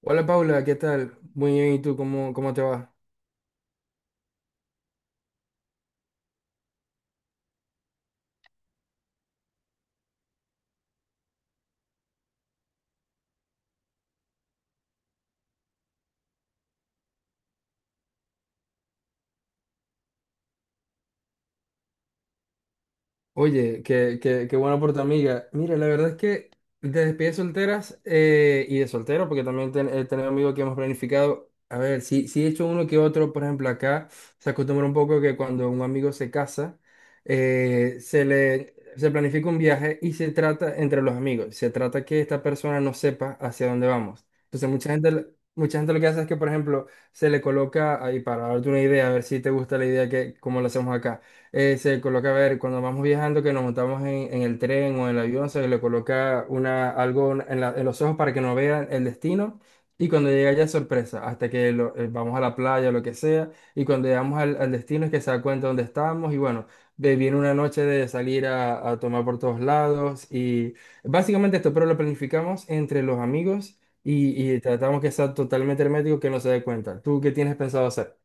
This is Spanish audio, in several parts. Hola Paula, ¿qué tal? Muy bien, ¿y tú cómo te va? Oye, qué bueno por tu amiga. Mira, la verdad es que de despedidas solteras y de soltero, porque también he tenido amigos que hemos planificado. A ver, sí he hecho uno que otro, por ejemplo, acá se acostumbra un poco que cuando un amigo se casa, se planifica un viaje y se trata entre los amigos. Se trata que esta persona no sepa hacia dónde vamos. Entonces, mucha gente lo que hace es que, por ejemplo, se le coloca ahí para darte una idea, a ver si te gusta la idea que, como lo hacemos acá, se coloca, a ver, cuando vamos viajando, que nos montamos en el tren o en el avión, se le coloca una, algo en, en los ojos para que no vean el destino. Y cuando llega ya es sorpresa, hasta que vamos a la playa o lo que sea. Y cuando llegamos al destino es que se da cuenta dónde estamos. Y bueno, viene una noche de salir a tomar por todos lados. Y básicamente esto, pero lo planificamos entre los amigos y tratamos que sea totalmente hermético, que no se dé cuenta. ¿Tú qué tienes pensado hacer?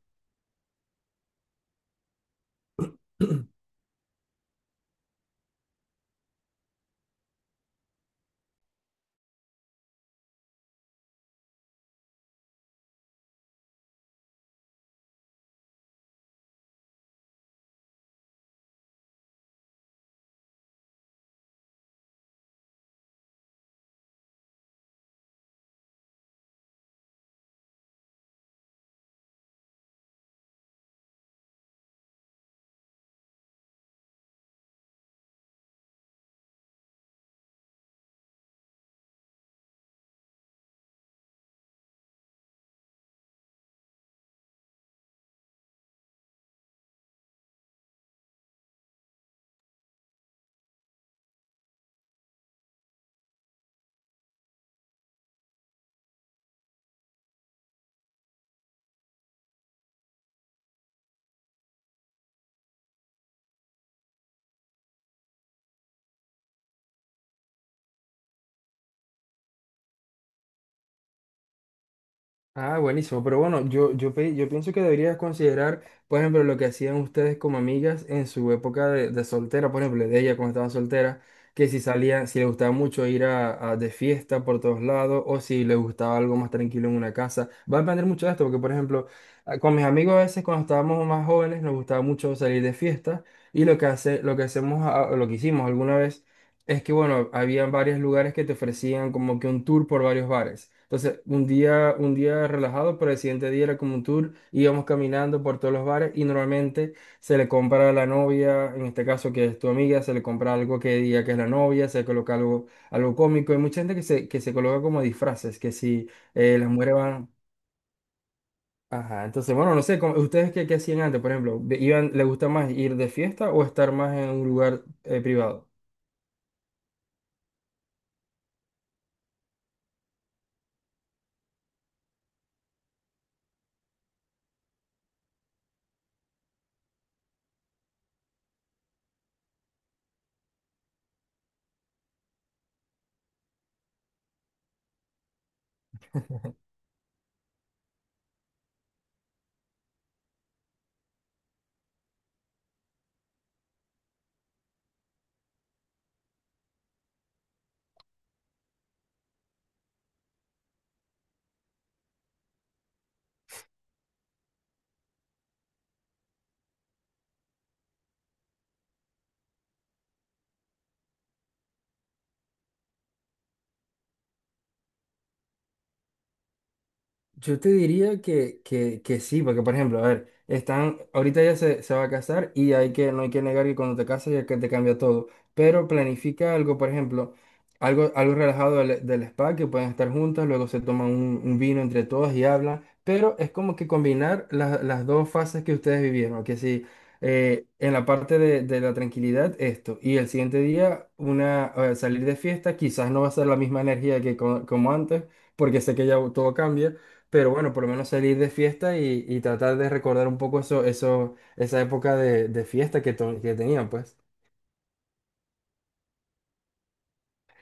Ah, buenísimo, pero bueno, yo pienso que deberías considerar, por ejemplo, lo que hacían ustedes como amigas en su época de soltera, por ejemplo, de ella cuando estaba soltera, que si salía, si le gustaba mucho ir de fiesta por todos lados o si le gustaba algo más tranquilo en una casa. Va a depender mucho de esto, porque por ejemplo, con mis amigos a veces cuando estábamos más jóvenes nos gustaba mucho salir de fiesta y lo que hacemos, lo que hicimos alguna vez. Es que bueno, habían varios lugares que te ofrecían como que un tour por varios bares. Entonces, un día relajado, pero el siguiente día era como un tour, íbamos caminando por todos los bares y normalmente se le compra a la novia, en este caso que es tu amiga, se le compra algo que diga que es la novia, se coloca algo, algo cómico. Hay mucha gente que se coloca como disfraces, que si las mujeres van... Ajá, entonces bueno, no sé, ustedes qué hacían antes, por ejemplo? ¿Iban, les gusta más ir de fiesta o estar más en un lugar privado? Yo te diría que sí, porque por ejemplo, a ver, están, ahorita ya se va a casar y hay que, no hay que negar que cuando te casas ya que te cambia todo, pero planifica algo, por ejemplo, algo relajado del spa, que pueden estar juntas, luego se toman un vino entre todas y hablan, pero es como que combinar las dos fases que ustedes vivieron, que si en la parte de la tranquilidad esto, y el siguiente día una, salir de fiesta, quizás no va a ser la misma energía que como antes, porque sé que ya todo cambia. Pero bueno, por lo menos salir de fiesta y tratar de recordar un poco esa época de fiesta que, que tenían, pues.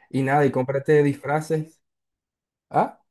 Y nada, y cómprate disfraces. ¿Ah?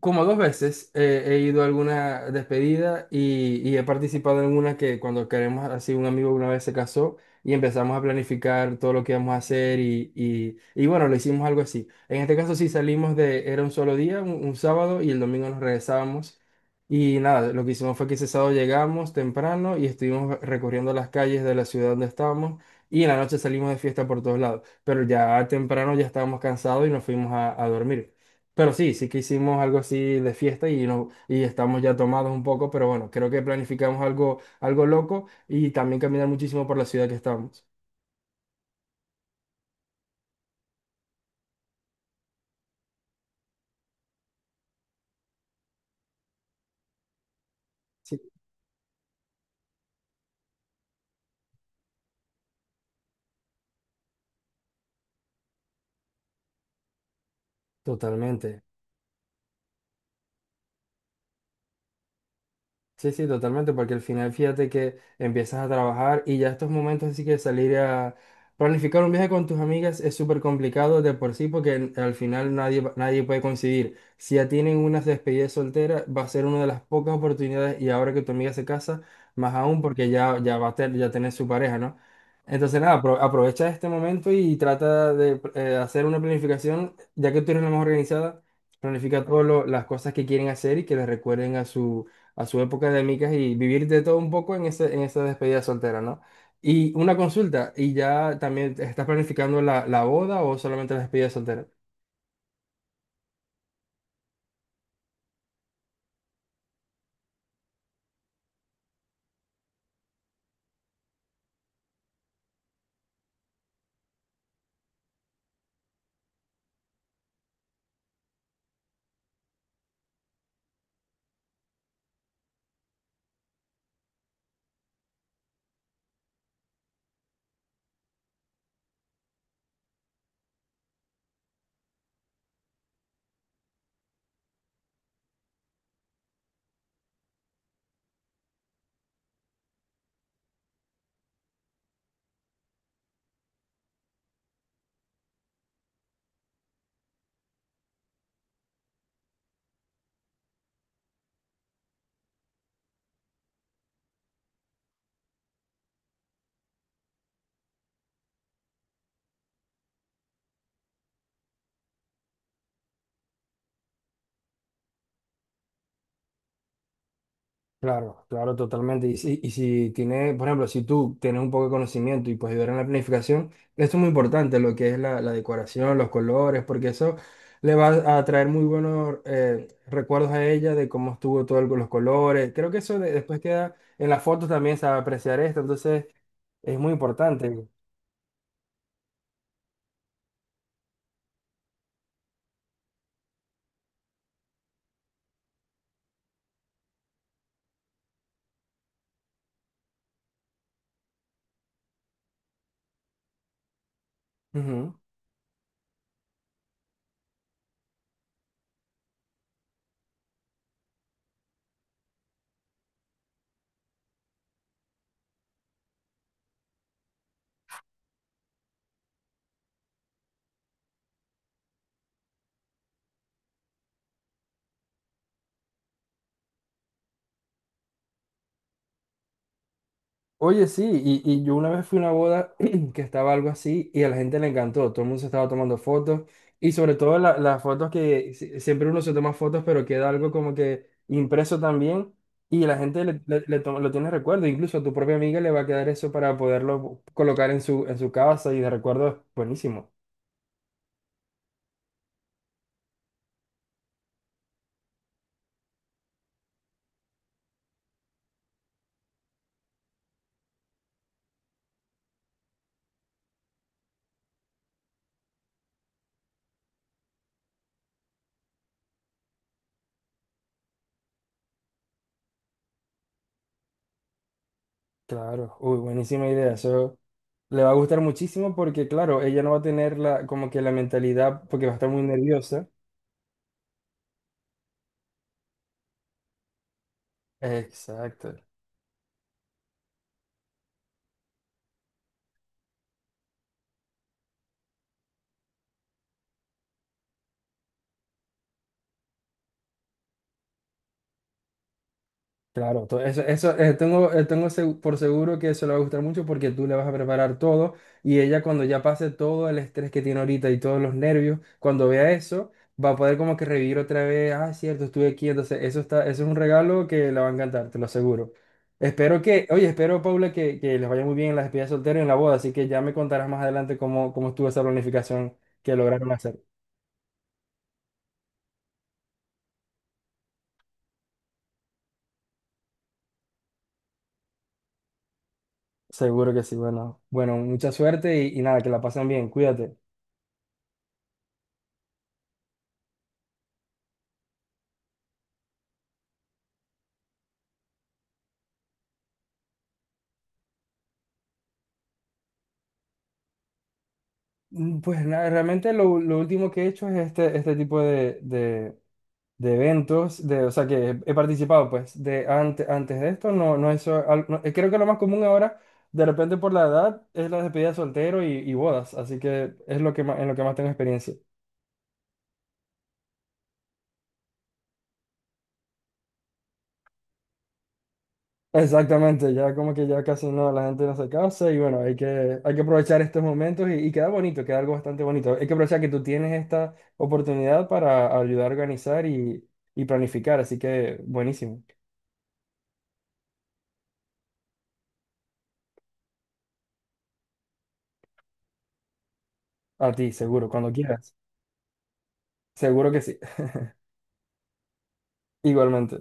Como dos veces, he ido a alguna despedida y he participado en una que cuando queremos, así un amigo una vez se casó y empezamos a planificar todo lo que íbamos a hacer y, y bueno, lo hicimos algo así. En este caso sí salimos de, era un solo día, un sábado y el domingo nos regresábamos y nada, lo que hicimos fue que ese sábado llegamos temprano y estuvimos recorriendo las calles de la ciudad donde estábamos y en la noche salimos de fiesta por todos lados, pero ya temprano ya estábamos cansados y nos fuimos a dormir. Pero sí, sí que hicimos algo así de fiesta y, no, y estamos ya tomados un poco, pero bueno, creo que planificamos algo, algo loco y también caminar muchísimo por la ciudad que estamos. Sí. Totalmente. Sí, sí, totalmente, porque al final fíjate que empiezas a trabajar y ya estos momentos así que salir a planificar un viaje con tus amigas es súper complicado de por sí porque al final nadie, nadie puede coincidir. Si ya tienen unas despedidas solteras, va a ser una de las pocas oportunidades y ahora que tu amiga se casa, más aún porque ya va a tener, ya tener su pareja, ¿no? Entonces nada, aprovecha este momento y trata de hacer una planificación, ya que tú eres la más organizada, planifica todas las cosas que quieren hacer y que les recuerden a su época de micas y vivir de todo un poco en ese, en esa despedida soltera, ¿no? Y una consulta, ¿y ya también estás planificando la boda o solamente la despedida soltera? Claro, claro, totalmente. Y si tiene, por ejemplo, si tú tienes un poco de conocimiento y puedes ayudar en la planificación, esto es muy importante, lo que es la decoración, los colores, porque eso le va a traer muy buenos recuerdos a ella de cómo estuvo todo los colores. Creo que eso después queda en las fotos también, se va a apreciar esto, entonces es muy importante. Ujú. Oye, sí, y yo una vez fui a una boda que estaba algo así y a la gente le encantó, todo el mundo se estaba tomando fotos y sobre todo las fotos que siempre uno se toma fotos pero queda algo como que impreso también y la gente lo tiene recuerdo, incluso a tu propia amiga le va a quedar eso para poderlo colocar en su casa y de recuerdo, buenísimo. Claro, uy, buenísima idea. Eso le va a gustar muchísimo porque, claro, ella no va a tener la, como que la mentalidad, porque va a estar muy nerviosa. Exacto. Claro, eso tengo por seguro que eso le va a gustar mucho porque tú le vas a preparar todo y ella cuando ya pase todo el estrés que tiene ahorita y todos los nervios, cuando vea eso, va a poder como que revivir otra vez, ah, es cierto, estuve aquí, entonces eso está, eso es un regalo que le va a encantar, te lo aseguro. Espero que, oye, espero, Paula, que les vaya muy bien en la despedida de soltero y en la boda, así que ya me contarás más adelante cómo estuvo esa planificación que lograron hacer. Seguro que sí, bueno, mucha suerte y nada, que la pasen bien, cuídate. Mm, pues nada, realmente lo último que he hecho es este tipo de eventos, de, o sea, que he participado, pues, de antes de esto, no eso, no, creo que lo más común ahora, de repente por la edad, es la despedida de soltero y bodas, así que es lo que más, en lo que más tengo experiencia. Exactamente, ya como que ya casi no, la gente no se casa y bueno, hay que aprovechar estos momentos y queda bonito, queda algo bastante bonito. Hay que aprovechar que tú tienes esta oportunidad para ayudar a organizar y planificar, así que buenísimo. A ti, seguro, cuando quieras. Seguro que sí. Igualmente.